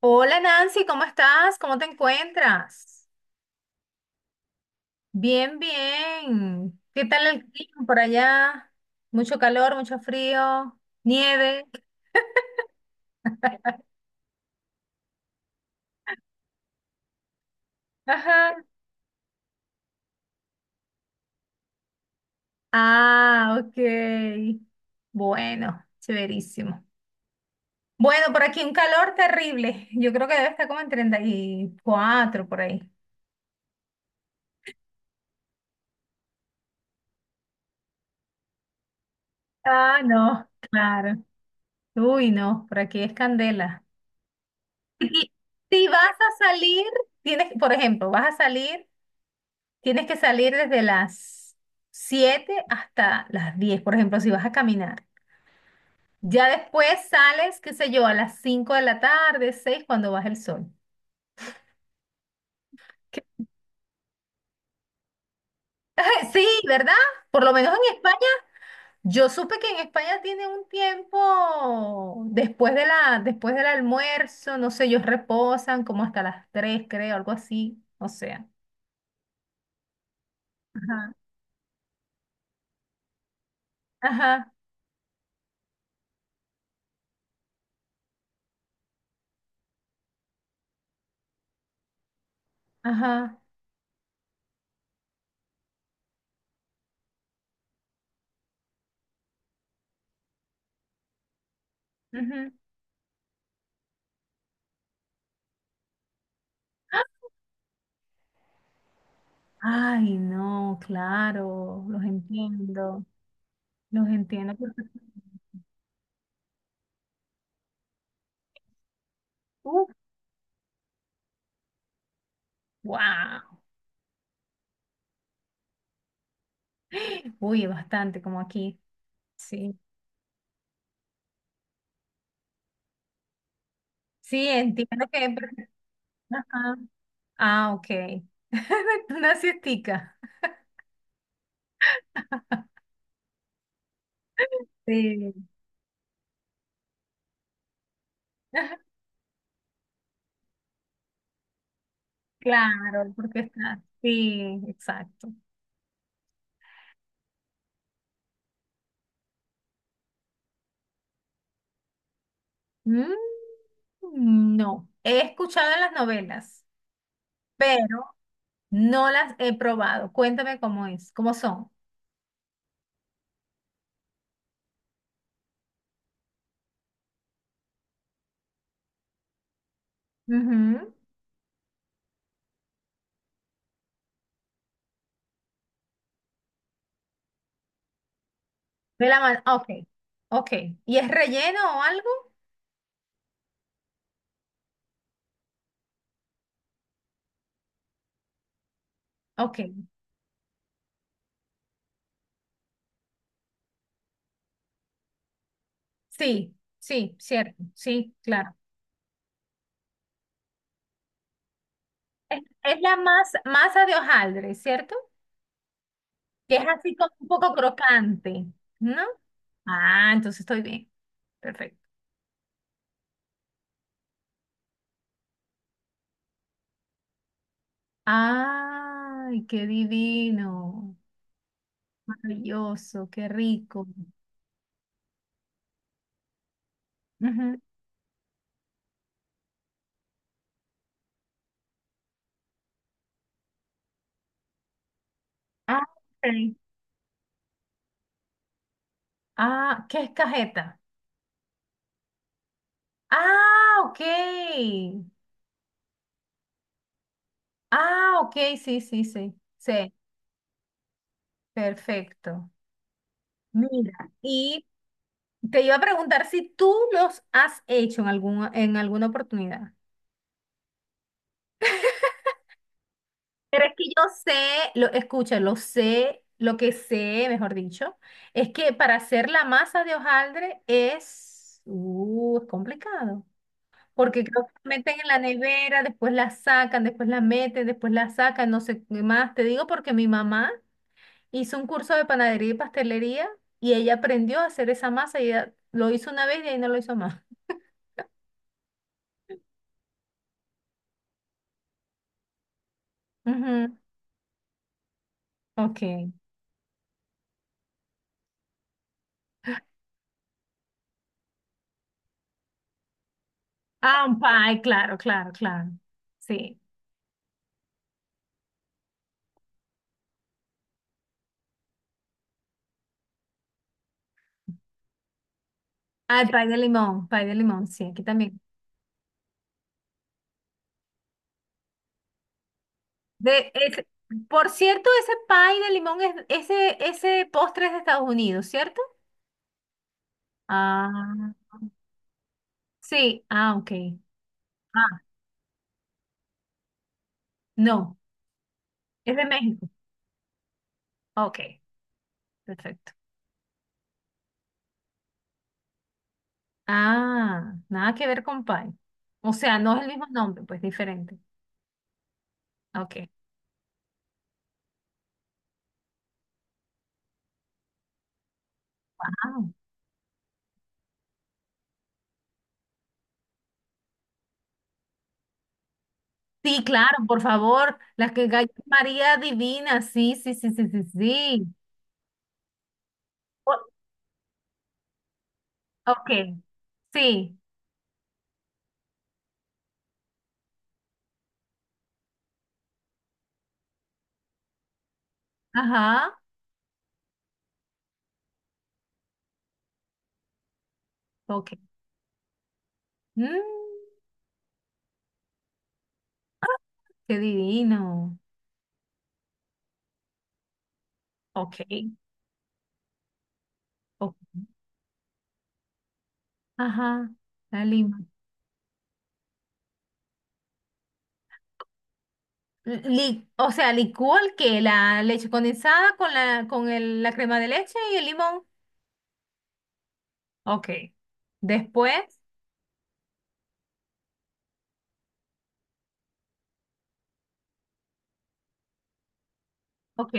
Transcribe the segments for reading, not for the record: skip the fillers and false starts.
Hola Nancy, ¿cómo estás? ¿Cómo te encuentras? Bien, bien. ¿Qué tal el clima por allá? Mucho calor, mucho frío, nieve. Ajá. Ah, ok. Bueno, severísimo. Bueno, por aquí un calor terrible. Yo creo que debe estar como en 34 por ahí. Ah, no, claro. Uy, no, por aquí es candela. Y si vas a salir, tienes, por ejemplo, vas a salir. Tienes que salir desde las 7 hasta las 10, por ejemplo, si vas a caminar. Ya después sales, qué sé yo, a las 5 de la tarde, 6 cuando baja el sol. ¿Qué? Sí, ¿verdad? Por lo menos en España, yo supe que en España tiene un tiempo después del almuerzo, no sé, ellos reposan como hasta las 3, creo, algo así, o sea. Ajá, ajá, ajá. Ujú. ¡Ah! Ay, no, claro, los entiendo. Los entiendo perfectamente. Uf, wow. Uy, bastante, como aquí. Sí. Sí, entiendo que. Ajá. Ah, ok. Una siestica. Sí. Claro, porque está. Sí, exacto. Mm, no. He escuchado en las novelas, pero no las he probado. Cuéntame cómo es, cómo son. Ujú. De la mano. Ok. Ok. ¿Y es relleno o algo? Ok. Sí, sí, cierto, sí, claro. Es la masa de hojaldre, ¿cierto? Que es así como un poco crocante, ¿no? Ah, entonces estoy bien. Perfecto. Ay, qué divino. Maravilloso, qué rico. Ujú. Ah, ok. Ah, ¿qué es cajeta? Ah, ok. Ah, ok, sí, sí, sí. Sí, perfecto. Mira, y te iba a preguntar si tú los has hecho en alguna oportunidad. Pero es que yo sé, lo, escucha, lo sé, lo que sé, mejor dicho, es que para hacer la masa de hojaldre es complicado. Porque creo que la meten en la nevera, después la sacan, después la meten, después la sacan, no sé qué más. Te digo porque mi mamá hizo un curso de panadería y pastelería y ella aprendió a hacer esa masa y ella lo hizo una vez y ahí no lo hizo más. Ujú, ok. Ah, un pie, claro, claro, claro. Sí. Ah, el pie de limón, sí, aquí también. De ese- por cierto, ese pie de limón ese postre es de Estados Unidos, ¿cierto? Ah, sí, ah, ok. Ah, no, es de México. Ok, perfecto. Ah, nada que ver con pie. O sea, no es el mismo nombre, pues diferente. Ok. Ah, sí, claro, por favor. Las que galletas María Divina, sí, sí, sí, sí, sí, sí. O- Ok, sí, ajá, ok. Mm, qué divino. Ok, ok, ajá, la lima. O sea, licúa el que la leche condensada con la con el- la crema de leche y el limón. Ok. Después, ok,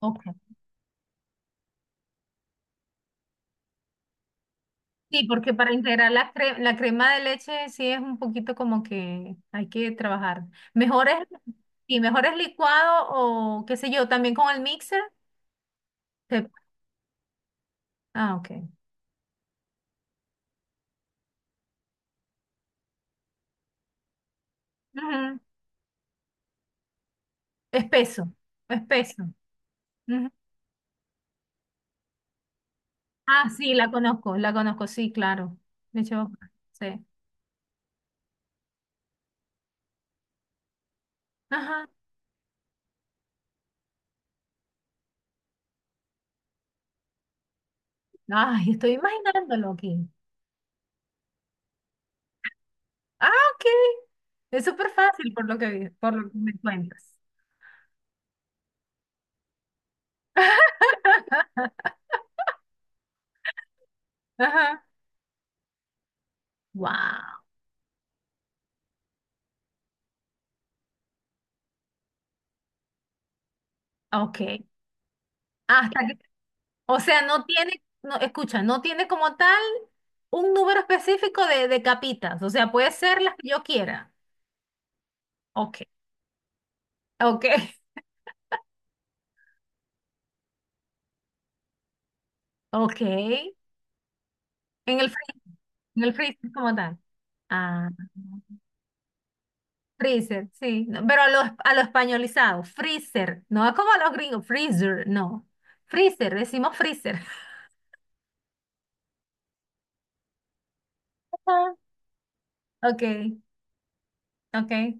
ok. Sí, porque para integrar la crema de leche sí es un poquito como que hay que trabajar. Mejor es, sí, mejor es licuado o qué sé yo, también con el mixer. se- Ah, ok. Ujú. Espeso, espeso. Ujú. Ah, sí, la conozco, sí, claro. De hecho, sí. Ajá. Ay, estoy imaginándolo aquí. Ah, ok. Es súper fácil por lo que me cuentas. Ajá. Wow. Ok. Hasta que, o sea, no tiene, no, escucha, no tiene como tal un número específico de capitas. O sea, puede ser las que yo quiera. Ok. Ok. Ok. En el frío. En el freezer como tal. Ah, freezer, sí. No, pero a lo españolizado, freezer. No es como a los gringos, freezer, no. Freezer, decimos freezer. Ah, ok, ok.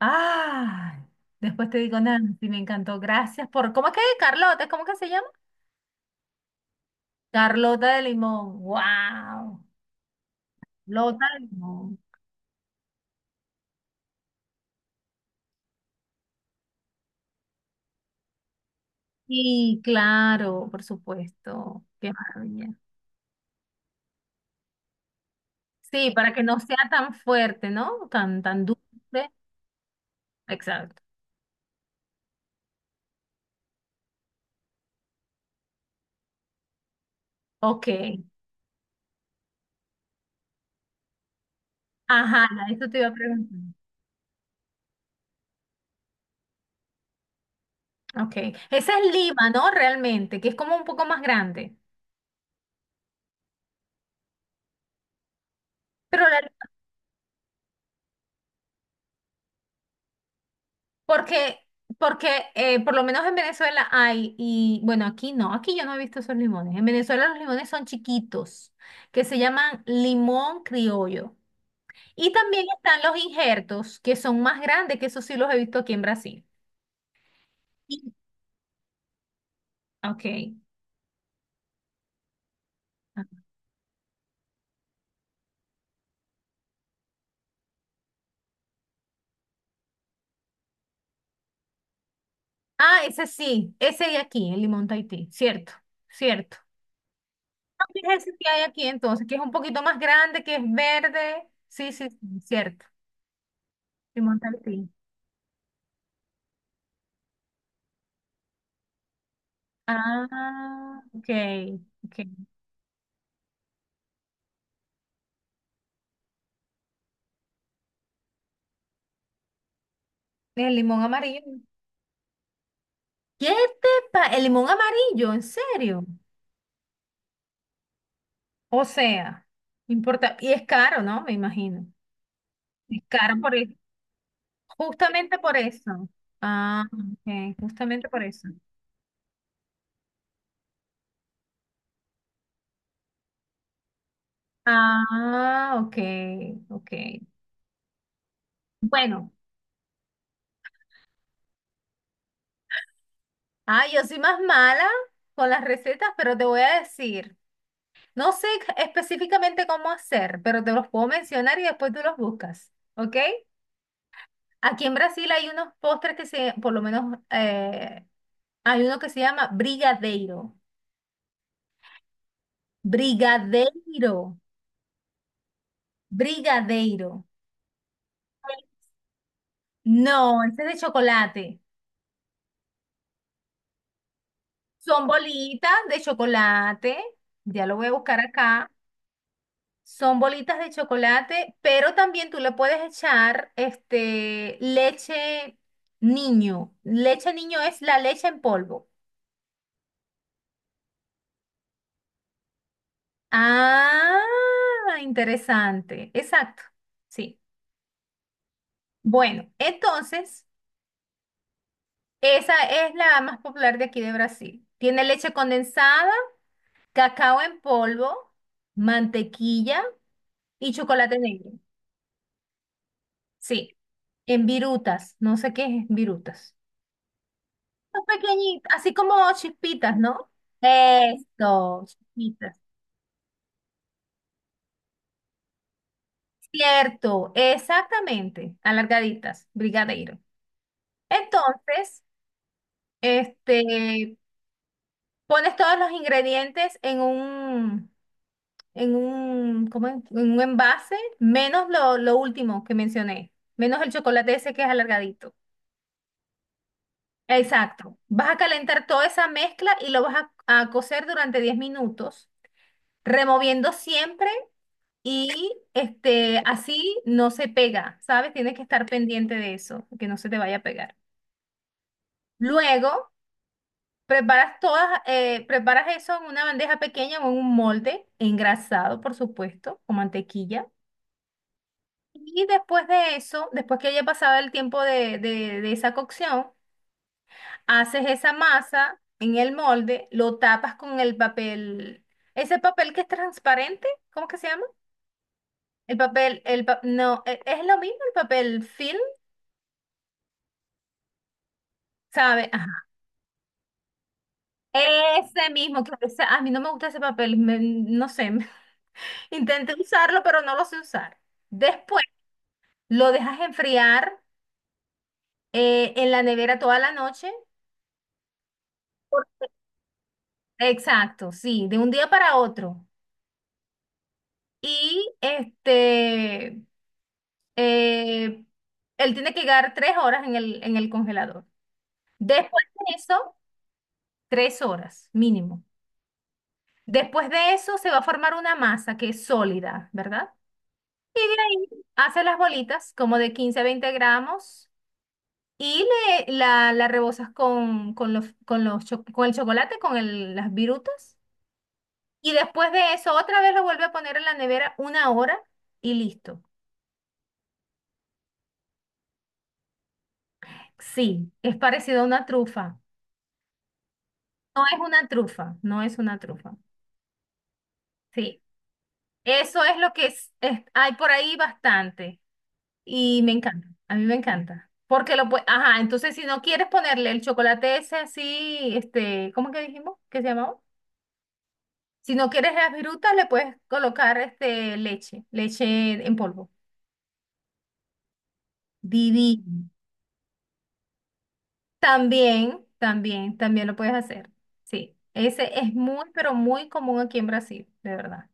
Ah, después te digo, Nancy, me encantó. Gracias por. ¿Cómo es que es? ¿Carlota? ¿Cómo que se llama? Carlota de limón. ¡Wow! Lota de limón. Sí, claro, por supuesto. Qué maravilla. Sí, para que no sea tan fuerte, ¿no? Tan, tan dulce. Exacto. Ok, ajá, ya, eso te iba a preguntar. Ok, esa es Lima, ¿no? Realmente, que es como un poco más grande. Pero la- porque, porque por lo menos en Venezuela hay, y bueno, aquí no, aquí yo no he visto esos limones. En Venezuela los limones son chiquitos, que se llaman limón criollo. Y también están los injertos, que son más grandes, que esos sí los he visto aquí en Brasil. Y- Ok. Ah, ese sí, ese de aquí, el limón Tahití, cierto, cierto. ¿Qué es ese que hay aquí entonces, que es un poquito más grande, que es verde? Sí, sí, sí, cierto. Limón tartí. Ah, ok, ok. El limón amarillo. ¿Qué El limón amarillo, ¿en serio? O sea, no importa. Y es caro, ¿no? Me imagino. Es caro por e- Justamente por eso. Ah, ok, justamente por eso. Ah, ok, ok. Bueno, yo soy más mala con las recetas, pero te voy a decir. No sé específicamente cómo hacer, pero te los puedo mencionar y después tú los buscas, ¿ok? Aquí en Brasil hay unos postres por lo menos, hay uno que se llama brigadeiro. Brigadeiro. Brigadeiro. No, ese es de chocolate. Son bolitas de chocolate. Ya lo voy a buscar acá. Son bolitas de chocolate, pero también tú le puedes echar este leche niño. Leche niño es la leche en polvo. Ah, interesante. Exacto. Sí. Bueno, entonces, esa es la más popular de aquí de Brasil. Tiene leche condensada, cacao en polvo, mantequilla y chocolate negro. Sí. En virutas. No sé qué es virutas. Pequeñitas, así como chispitas, ¿no? Esto, chispitas. Cierto, exactamente, alargaditas, brigadeiro. Entonces, este, pones todos los ingredientes ¿cómo es? En un envase, menos lo último que mencioné, menos el chocolate ese que es alargadito. Exacto. Vas a calentar toda esa mezcla y lo vas a cocer durante 10 minutos, removiendo siempre. Y este, así no se pega, ¿sabes? Tienes que estar pendiente de eso, que no se te vaya a pegar. Luego, preparas eso en una bandeja pequeña o en un molde, engrasado, por supuesto, con mantequilla. Y después de eso, después que haya pasado el tiempo de esa cocción, haces esa masa en el molde, lo tapas con el papel, ese papel que es transparente, ¿cómo que se llama? El papel, el pa- no, e- es lo mismo el papel film, ¿sabe? Ese mismo, a mí no me gusta ese papel, no sé, intenté usarlo, pero no lo sé usar. Después lo dejas enfriar en la nevera toda la noche. Por- Exacto, sí, de un día para otro. Y eh, él tiene que quedar 3 horas en el congelador. Después de eso, 3 horas mínimo. Después de eso se va a formar una masa que es sólida, ¿verdad? Y de ahí haces las bolitas como de 15 a 20 gramos y la rebozas con el chocolate, las virutas. Y después de eso, otra vez lo vuelve a poner en la nevera una hora y listo. Sí, es parecido a una trufa. No es una trufa, no es una trufa. Sí, eso es lo que hay por ahí bastante. Y me encanta, a mí me encanta. Porque lo puedes, ajá, entonces si no quieres ponerle el chocolate ese así, ¿cómo que dijimos? ¿Qué se llamaba? Si no quieres las virutas, le puedes colocar este leche en polvo. Divino. También, también, también lo puedes hacer. Sí, ese es muy, pero muy común aquí en Brasil, de verdad.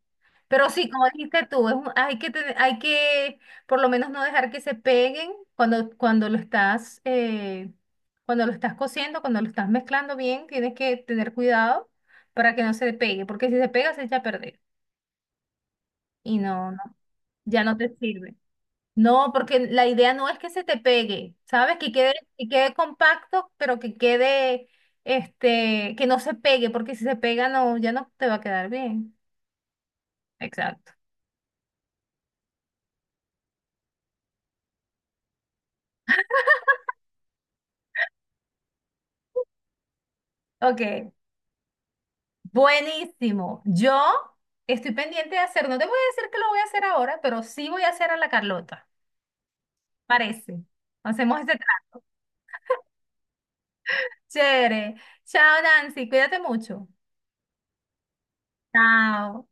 Pero sí, como dijiste tú, hay que, hay que por lo menos no dejar que se peguen cuando cuando lo estás cociendo, cuando lo estás mezclando bien, tienes que tener cuidado para que no se pegue, porque si se pega se echa a perder y no, no, ya no te sirve. No, porque la idea no es que se te pegue, ¿sabes? Que quede compacto, pero que no se pegue, porque si se pega no, ya no te va a quedar bien. Exacto. Ok. Buenísimo. Yo estoy pendiente de hacer, no te voy a decir que lo voy a hacer ahora, pero sí voy a hacer a la Carlota. Parece. Hacemos ese trato. Chévere. Chao, Nancy. Cuídate mucho. Chao.